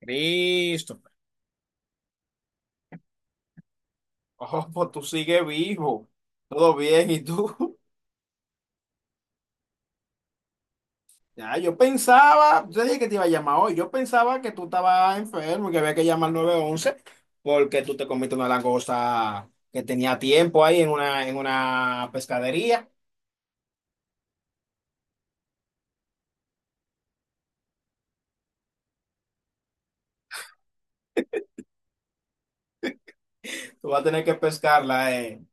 Cristo. Oh, pues tú sigues vivo. Todo bien, ¿y tú? Ya, yo pensaba, yo dije que te iba a llamar hoy, yo pensaba que tú estabas enfermo y que había que llamar al 911 porque tú te comiste una langosta que tenía tiempo ahí en una pescadería. Tú vas a tener que pescarla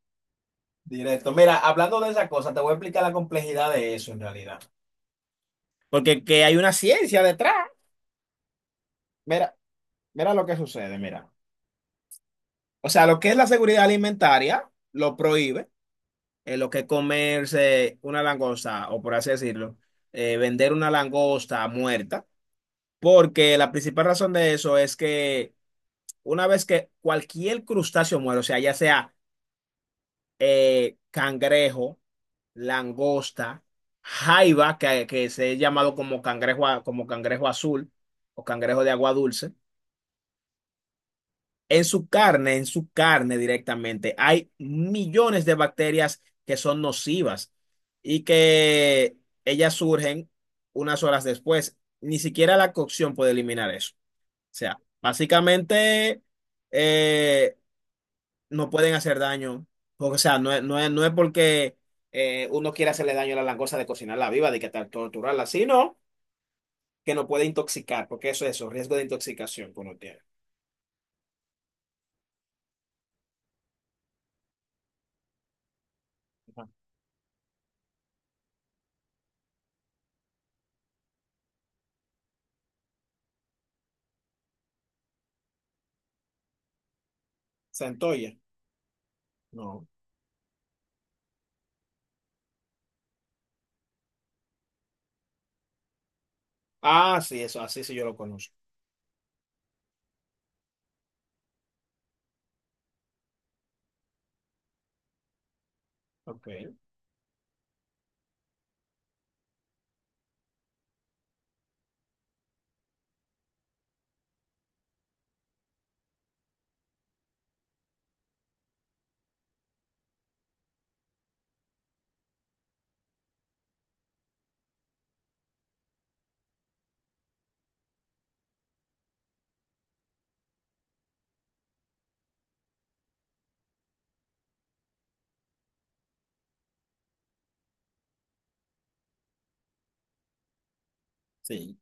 directo. Mira, hablando de esa cosa, te voy a explicar la complejidad de eso en realidad. Porque que hay una ciencia detrás. Mira, mira lo que sucede, mira. O sea, lo que es la seguridad alimentaria lo prohíbe lo que es comerse una langosta, o por así decirlo, vender una langosta muerta, porque la principal razón de eso es que una vez que cualquier crustáceo muere, o sea, ya sea cangrejo, langosta, jaiba, que se ha llamado como cangrejo, como cangrejo azul o cangrejo de agua dulce. En su carne directamente, hay millones de bacterias que son nocivas y que ellas surgen unas horas después. Ni siquiera la cocción puede eliminar eso. O sea, básicamente eh, no pueden hacer daño. O sea, no es porque uno quiera hacerle daño a la langosta de cocinarla viva, de que tal torturarla, sino que no puede intoxicar, porque eso es eso, riesgo de intoxicación que uno tiene. Ajá. Centolla, no. Ah, sí, eso, así sí yo lo conozco. Ok. Sí.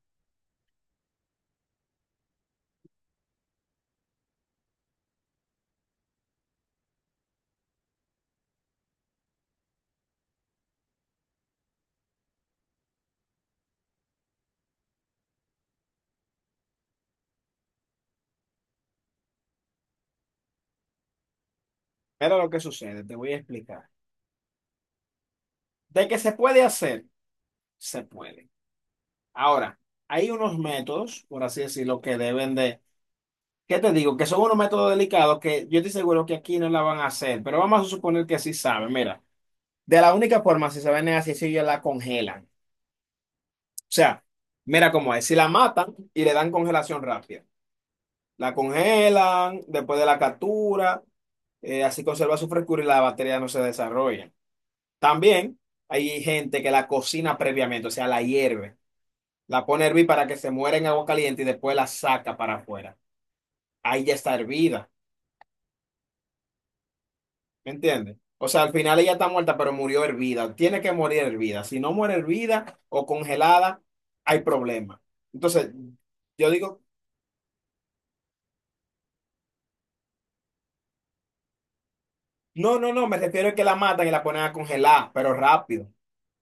Pero lo que sucede, te voy a explicar. De que se puede hacer, se puede. Ahora, hay unos métodos, por así decirlo, que deben de, ¿qué te digo? Que son unos métodos delicados que yo estoy seguro que aquí no la van a hacer, pero vamos a suponer que sí saben. Mira, de la única forma, si saben, es así, si ellos la congelan. O sea, mira cómo es, si la matan y le dan congelación rápida. La congelan después de la captura, así conserva su frescura y la batería no se desarrolla. También hay gente que la cocina previamente, o sea, la hierve, la pone a hervir para que se muera en agua caliente y después la saca para afuera. Ahí ya está hervida, ¿me entiendes? O sea, al final ella está muerta, pero murió hervida. Tiene que morir hervida. Si no muere hervida o congelada, hay problema. Entonces, yo digo, no, no, no, me refiero a que la matan y la ponen a congelar, pero rápido,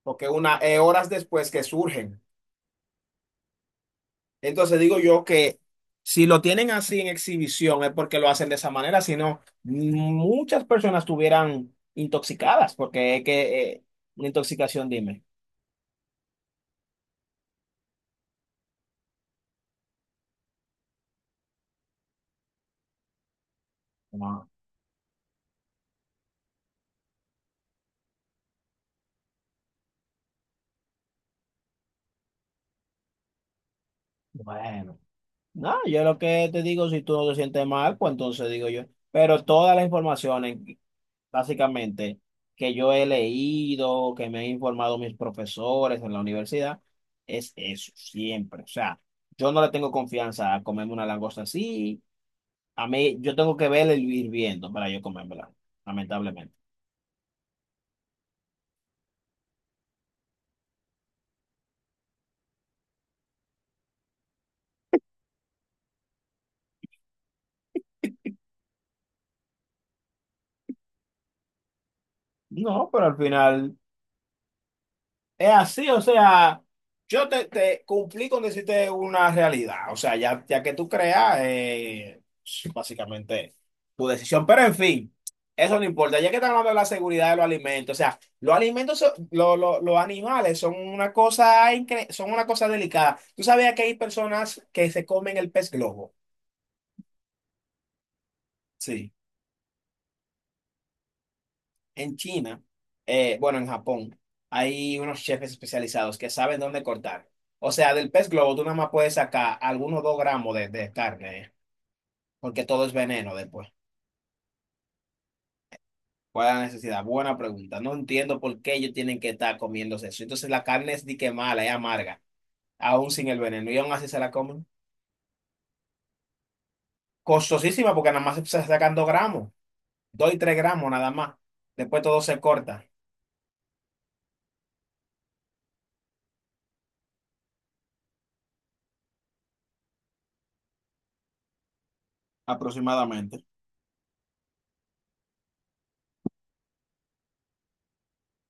porque una, horas después que surgen. Entonces digo yo que si lo tienen así en exhibición es porque lo hacen de esa manera, si no, muchas personas estuvieran intoxicadas, porque es que una intoxicación, dime. No, bueno, no, yo lo que te digo, si tú no te sientes mal, pues entonces digo yo, pero todas las informaciones, básicamente, que yo he leído, que me han informado mis profesores en la universidad, es eso, siempre. O sea, yo no le tengo confianza a comerme una langosta así. A mí, yo tengo que verla y ir viendo para yo comérmela, lamentablemente. No, pero al final es así, o sea, yo te cumplí con decirte una realidad, o sea, ya que tú creas, básicamente tu decisión, pero en fin, eso no importa, ya que estamos hablando de la seguridad de los alimentos, o sea, los alimentos, los animales son una cosa, son una cosa delicada. ¿Tú sabías que hay personas que se comen el pez globo? Sí. En China, bueno, en Japón, hay unos chefs especializados que saben dónde cortar. O sea, del pez globo tú nada más puedes sacar algunos 2 gramos de carne, porque todo es veneno después. ¿Cuál es la necesidad? Buena pregunta. No entiendo por qué ellos tienen que estar comiéndose eso. Entonces la carne es di que mala, es amarga, aún sin el veneno, y aún así se la comen. Costosísima porque nada más se sacan 2 gramos, 2 y 3 gramos nada más. Después todo se corta. Aproximadamente.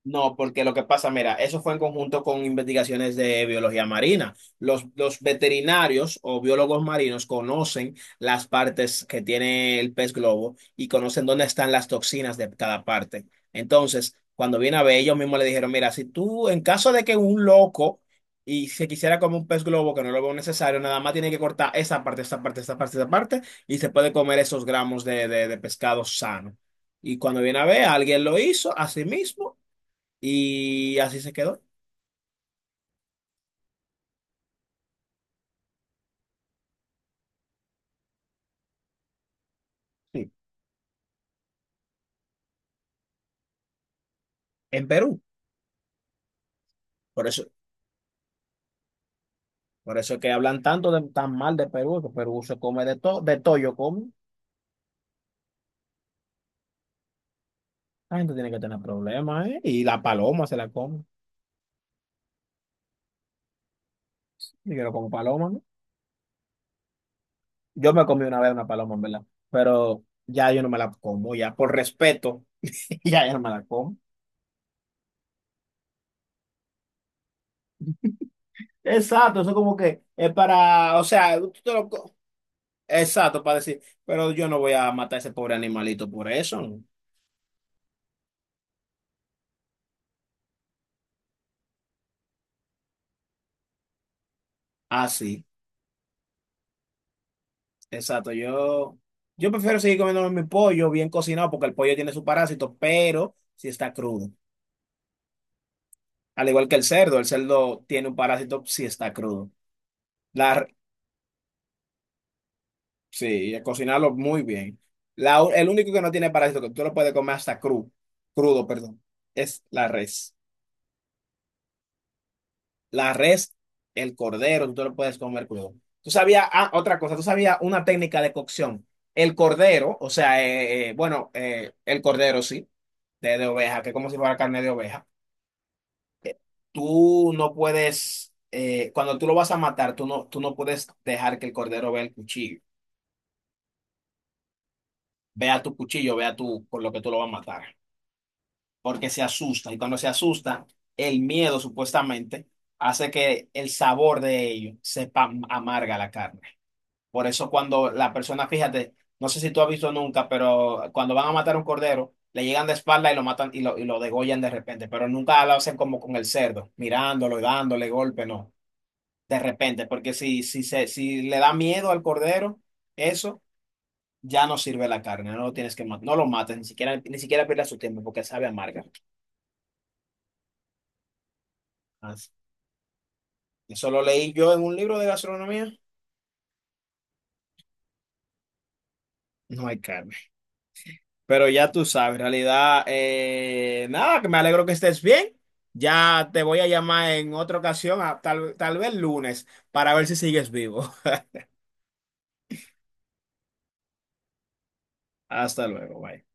No, porque lo que pasa, mira, eso fue en conjunto con investigaciones de biología marina. Los veterinarios o biólogos marinos conocen las partes que tiene el pez globo y conocen dónde están las toxinas de cada parte. Entonces, cuando viene a ver, ellos mismos le dijeron, mira, si tú, en caso de que un loco y se quisiera comer un pez globo que no lo veo necesario, nada más tiene que cortar esa parte, esa parte, esa parte, esa parte y se puede comer esos gramos de pescado sano. Y cuando viene a ver, alguien lo hizo a sí mismo y así se quedó, sí, en Perú. Por eso, por eso es que hablan tanto tan mal de Perú, que Perú se come de todo yo como. La gente tiene que tener problemas, ¿eh? Y la paloma se la come. Y yo no como paloma, ¿no? Yo me comí una vez una paloma, en verdad. Pero ya yo no me la como, ya por respeto, ya yo no me la como. Exacto, eso como que es para, o sea, tú te lo co- exacto, para decir, pero yo no voy a matar a ese pobre animalito por eso. ¿No? Así. Exacto, yo prefiero seguir comiendo mi pollo bien cocinado porque el pollo tiene su parásito, pero si está crudo. Al igual que el cerdo tiene un parásito si está crudo. La, sí, cocinarlo muy bien. El único que no tiene parásito, que tú lo puedes comer hasta crudo, crudo, perdón, es la res. La res, el cordero, tú lo puedes comer crudo. Tú sabías, ah, otra cosa, tú sabías una técnica de cocción. El cordero, o sea, bueno, el cordero, sí. De oveja, que es como si fuera carne de oveja, tú no puedes, cuando tú lo vas a matar, tú no puedes dejar que el cordero vea el cuchillo, vea tu, por lo que tú lo vas a matar, porque se asusta. Y cuando se asusta, el miedo supuestamente hace que el sabor de ello sepa amarga la carne. Por eso cuando la persona, fíjate, no sé si tú has visto nunca, pero cuando van a matar a un cordero, le llegan de espalda y lo matan y lo degollan de repente, pero nunca lo hacen como con el cerdo, mirándolo y dándole golpe, no, de repente, porque si le da miedo al cordero, eso ya no sirve la carne, no lo tienes que matar, no lo mates, ni siquiera pierdas su tiempo porque sabe amarga. Así. Eso lo leí yo en un libro de gastronomía. No hay carne. Pero ya tú sabes, en realidad, nada, que me alegro que estés bien. Ya te voy a llamar en otra ocasión, tal vez lunes, para ver si sigues vivo. Hasta luego, bye.